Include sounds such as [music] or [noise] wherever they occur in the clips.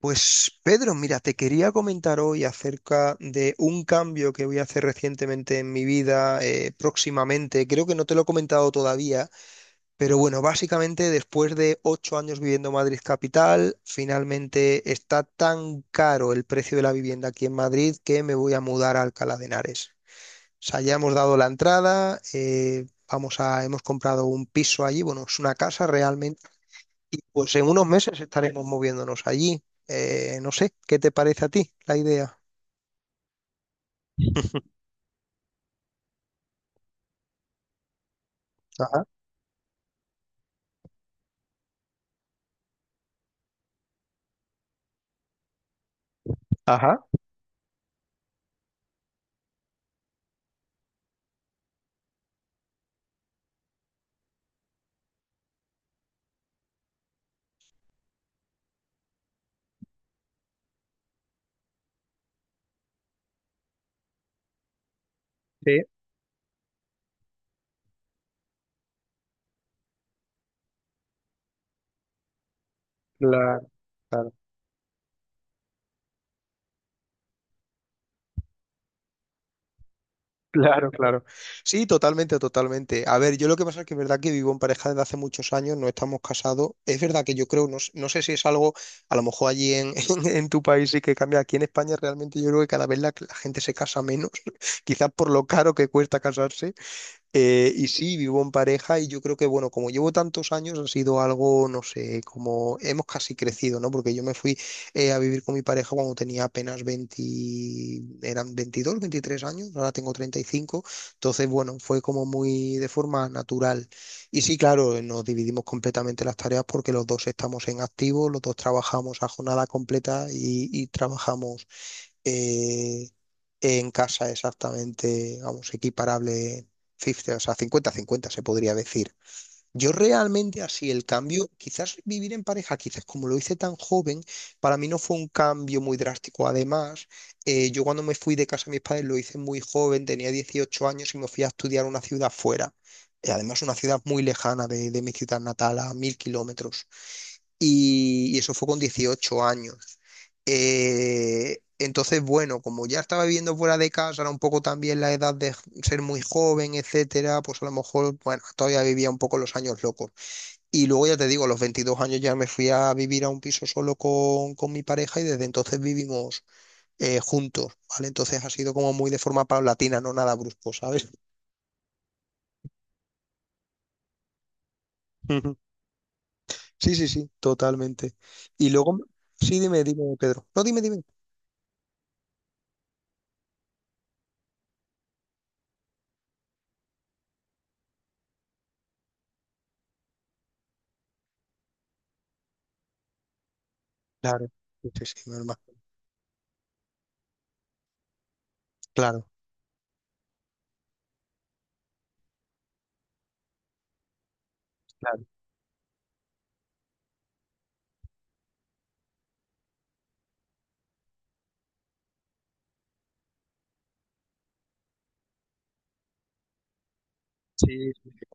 Pues Pedro, mira, te quería comentar hoy acerca de un cambio que voy a hacer recientemente en mi vida, próximamente. Creo que no te lo he comentado todavía, pero bueno, básicamente después de ocho años viviendo en Madrid capital, finalmente está tan caro el precio de la vivienda aquí en Madrid que me voy a mudar a Alcalá de Henares. O sea, ya hemos dado la entrada, vamos a, hemos comprado un piso allí, bueno, es una casa realmente y pues en unos meses estaremos moviéndonos allí. No sé, ¿qué te parece a ti la idea? Ajá, ajá, sí, claro, claro, claro, claro. Sí, totalmente, totalmente. A ver, yo lo que pasa es que es verdad que vivo en pareja desde hace muchos años, no estamos casados. Es verdad que yo creo, no, no sé si es algo, a lo mejor allí en, [laughs] en tu país sí que cambia. Aquí en España realmente yo creo que cada vez la gente se casa menos, [laughs] quizás por lo caro que cuesta casarse. Y sí, vivo en pareja y yo creo que, bueno, como llevo tantos años, ha sido algo, no sé, como hemos casi crecido, ¿no? Porque yo me fui a vivir con mi pareja cuando tenía apenas 20, eran 22 23 años, ahora tengo 35 entonces, bueno, fue como muy de forma natural. Y sí, claro, nos dividimos completamente las tareas porque los dos estamos en activo, los dos trabajamos a jornada completa y trabajamos eh, en casa exactamente, vamos, equiparable 50, o sea, 50-50 se podría decir. Yo realmente así el cambio, quizás vivir en pareja, quizás como lo hice tan joven, para mí no fue un cambio muy drástico. Además, yo cuando me fui de casa de mis padres lo hice muy joven, tenía 18 años y me fui a estudiar a una ciudad fuera. Además, una ciudad muy lejana de mi ciudad natal, a mil kilómetros y eso fue con 18 años. Entonces, bueno, como ya estaba viviendo fuera de casa, era un poco también la edad de ser muy joven, etcétera, pues a lo mejor, bueno, todavía vivía un poco los años locos. Y luego ya te digo, a los 22 años ya me fui a vivir a un piso solo con mi pareja y desde entonces vivimos juntos, ¿vale? Entonces ha sido como muy de forma paulatina, no nada brusco, ¿sabes? Ujú. Sí, sí, sí, totalmente. Y luego, sí, dime, dime, Pedro. No, dime, dime. Claro. Sí, sí, sí, me lo. Claro, claro. Sí, sí.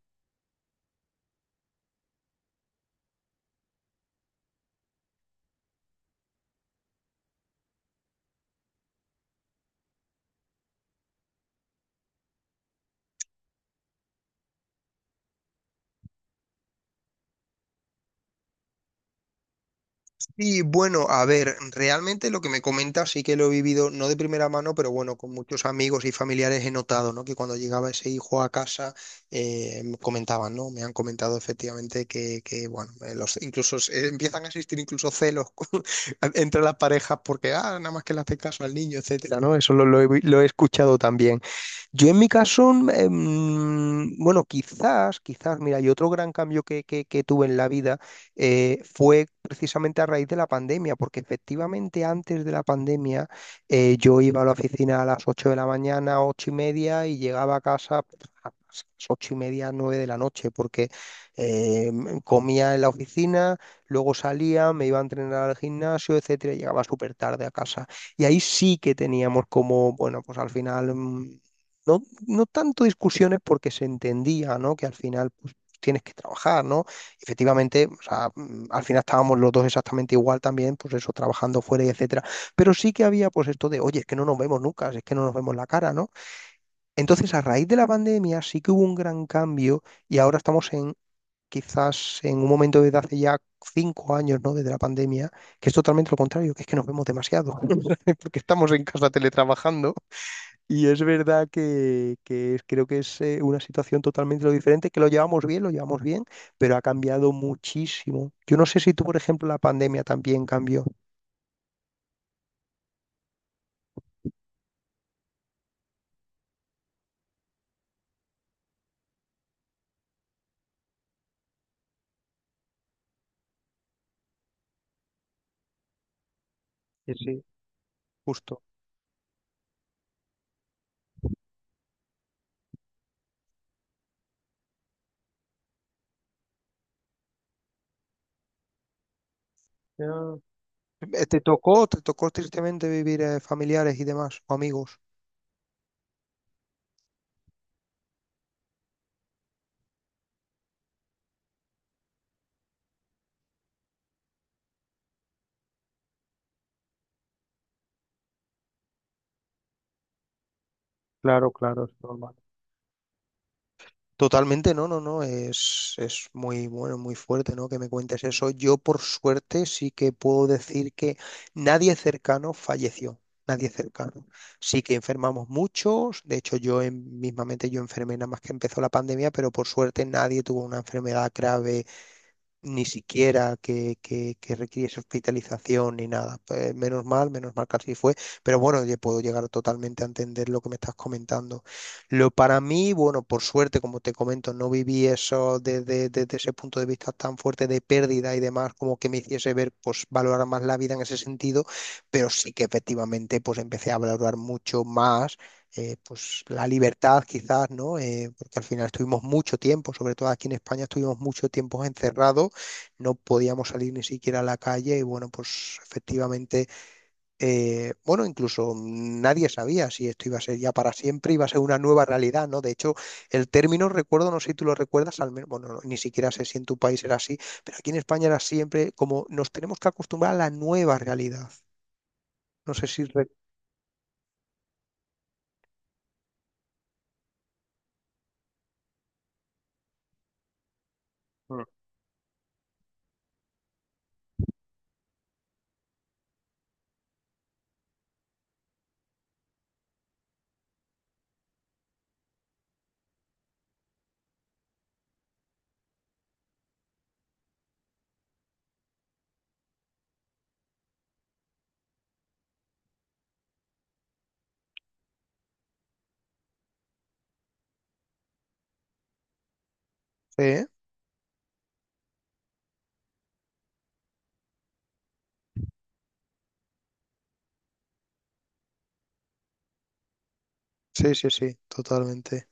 Y bueno, a ver, realmente lo que me comentas sí que lo he vivido, no de primera mano, pero bueno, con muchos amigos y familiares he notado, ¿no? Que cuando llegaba ese hijo a casa, me comentaban, ¿no? Me han comentado efectivamente que bueno, los, incluso empiezan a existir incluso celos [laughs] con- entre las parejas porque, ah, nada más que le hace caso al niño, etcétera, ¿no? Eso lo he escuchado también. Yo en mi caso, bueno, mira, y otro gran cambio que tuve en la vida fue precisamente a raíz de la pandemia, porque efectivamente antes de la pandemia yo iba a la oficina a las 8 de la mañana, ocho y media, y llegaba a casa a las ocho y media, 9 de la noche, porque comía en la oficina, luego salía, me iba a entrenar al gimnasio, etcétera, y llegaba súper tarde a casa. Y ahí sí que teníamos como, bueno, pues al final no, no tanto discusiones porque se entendía, ¿no? Que al final pues, tienes que trabajar, ¿no? Efectivamente, o sea, al final estábamos los dos exactamente igual también, pues eso, trabajando fuera y etcétera. Pero sí que había pues esto de, oye, es que no nos vemos nunca, es que no nos vemos la cara, ¿no? Entonces, a raíz de la pandemia sí que hubo un gran cambio y ahora estamos en quizás en un momento desde hace ya cinco años, ¿no? Desde la pandemia, que es totalmente lo contrario, que es que nos vemos demasiado, [laughs] porque estamos en casa teletrabajando y es verdad que, creo que es una situación totalmente lo diferente, que lo llevamos bien, pero ha cambiado muchísimo. Yo no sé si tú, por ejemplo, la pandemia también cambió. Sí, sí. Justo. Yo- ¿te tocó, te tocó tristemente vivir familiares y demás, o amigos? Claro, claro, es normal. Totalmente, no, no, no, es muy bueno, muy fuerte, ¿no? Que me cuentes eso. Yo, por suerte, sí que puedo decir que nadie cercano falleció, nadie cercano. Sí que enfermamos muchos, de hecho, yo mismamente yo enfermé nada más que empezó la pandemia, pero por suerte nadie tuvo una enfermedad grave ni siquiera que requiriese hospitalización ni nada. Pues, menos mal que así fue, pero bueno, yo puedo llegar totalmente a entender lo que me estás comentando. Lo para mí, bueno, por suerte, como te comento, no viví eso desde ese punto de vista tan fuerte de pérdida y demás, como que me hiciese ver, pues valorar más la vida en ese sentido, pero sí que efectivamente, pues empecé a valorar mucho más pues la libertad quizás, ¿no? Porque al final estuvimos mucho tiempo, sobre todo aquí en España, estuvimos mucho tiempo encerrados, no podíamos salir ni siquiera a la calle y bueno, pues efectivamente, bueno, incluso nadie sabía si esto iba a ser ya para siempre, iba a ser una nueva realidad, ¿no? De hecho, el término, recuerdo, no sé si tú lo recuerdas, al menos, bueno, no, ni siquiera sé si en tu país era así, pero aquí en España era siempre como nos tenemos que acostumbrar a la nueva realidad. No sé si re-. Mm. ¿Eh? Sí, sí, sí, totalmente.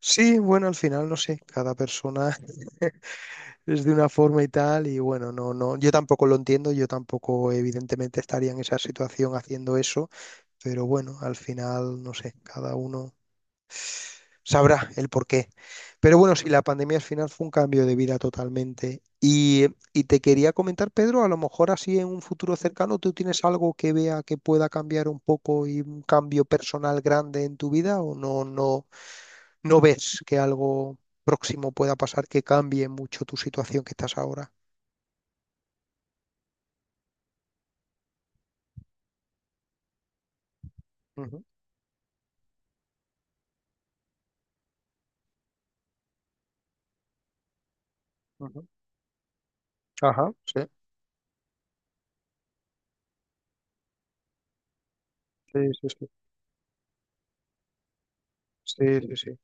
Sí, bueno, al final, no sé, cada persona, [laughs] es de una forma y tal, y bueno, no, no, yo tampoco lo entiendo, yo tampoco evidentemente estaría en esa situación haciendo eso, pero bueno, al final, no sé, cada uno sabrá el porqué. Pero bueno, sí, la pandemia al final fue un cambio de vida totalmente. Y te quería comentar, Pedro, a lo mejor así en un futuro cercano, ¿tú tienes algo que vea que pueda cambiar un poco y un cambio personal grande en tu vida o no, no, no ves que algo próximo pueda pasar que cambie mucho tu situación que estás ahora? Mm. Ujú. Ajá, sí, sí, sí, sí, sí, sí, sí.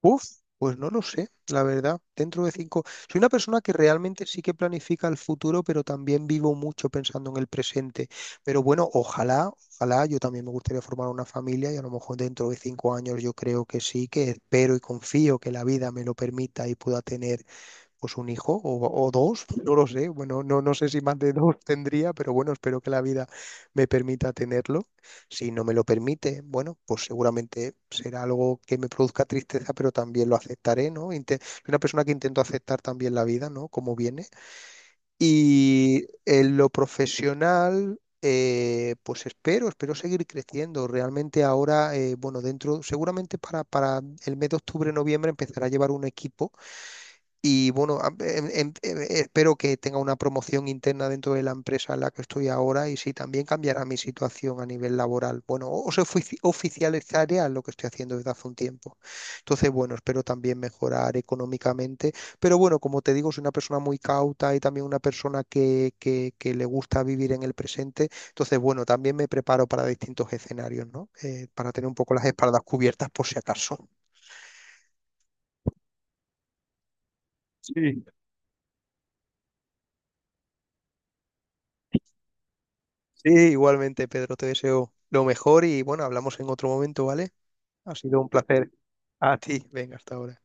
Uf, pues no lo sé, la verdad. Dentro de cinco. Soy una persona que realmente sí que planifica el futuro, pero también vivo mucho pensando en el presente. Pero bueno, ojalá, ojalá, yo también me gustaría formar una familia y a lo mejor dentro de cinco años yo creo que sí, que espero y confío que la vida me lo permita y pueda tener pues un hijo o dos, [laughs] no lo sé. Bueno, no, no sé si más de dos tendría, pero bueno, espero que la vida me permita tenerlo. Si no me lo permite, bueno, pues seguramente será algo que me produzca tristeza, pero también lo aceptaré, ¿no? Soy una persona que intento aceptar también la vida, ¿no? Como viene. Y en lo profesional, pues espero seguir creciendo. Realmente ahora, bueno, dentro, seguramente para el mes de octubre, noviembre empezará a llevar un equipo y bueno, espero que tenga una promoción interna dentro de la empresa en la que estoy ahora y si también cambiará mi situación a nivel laboral. Bueno, o oficializaría lo que estoy haciendo desde hace un tiempo. Entonces, bueno, espero también mejorar económicamente. Pero bueno, como te digo, soy una persona muy cauta y también una persona que le gusta vivir en el presente. Entonces, bueno, también me preparo para distintos escenarios, ¿no? Para tener un poco las espaldas cubiertas por si acaso. Sí, sí, igualmente, Pedro, te deseo lo mejor y bueno, hablamos en otro momento, ¿vale? Ha sido un placer. A ti, venga, hasta ahora.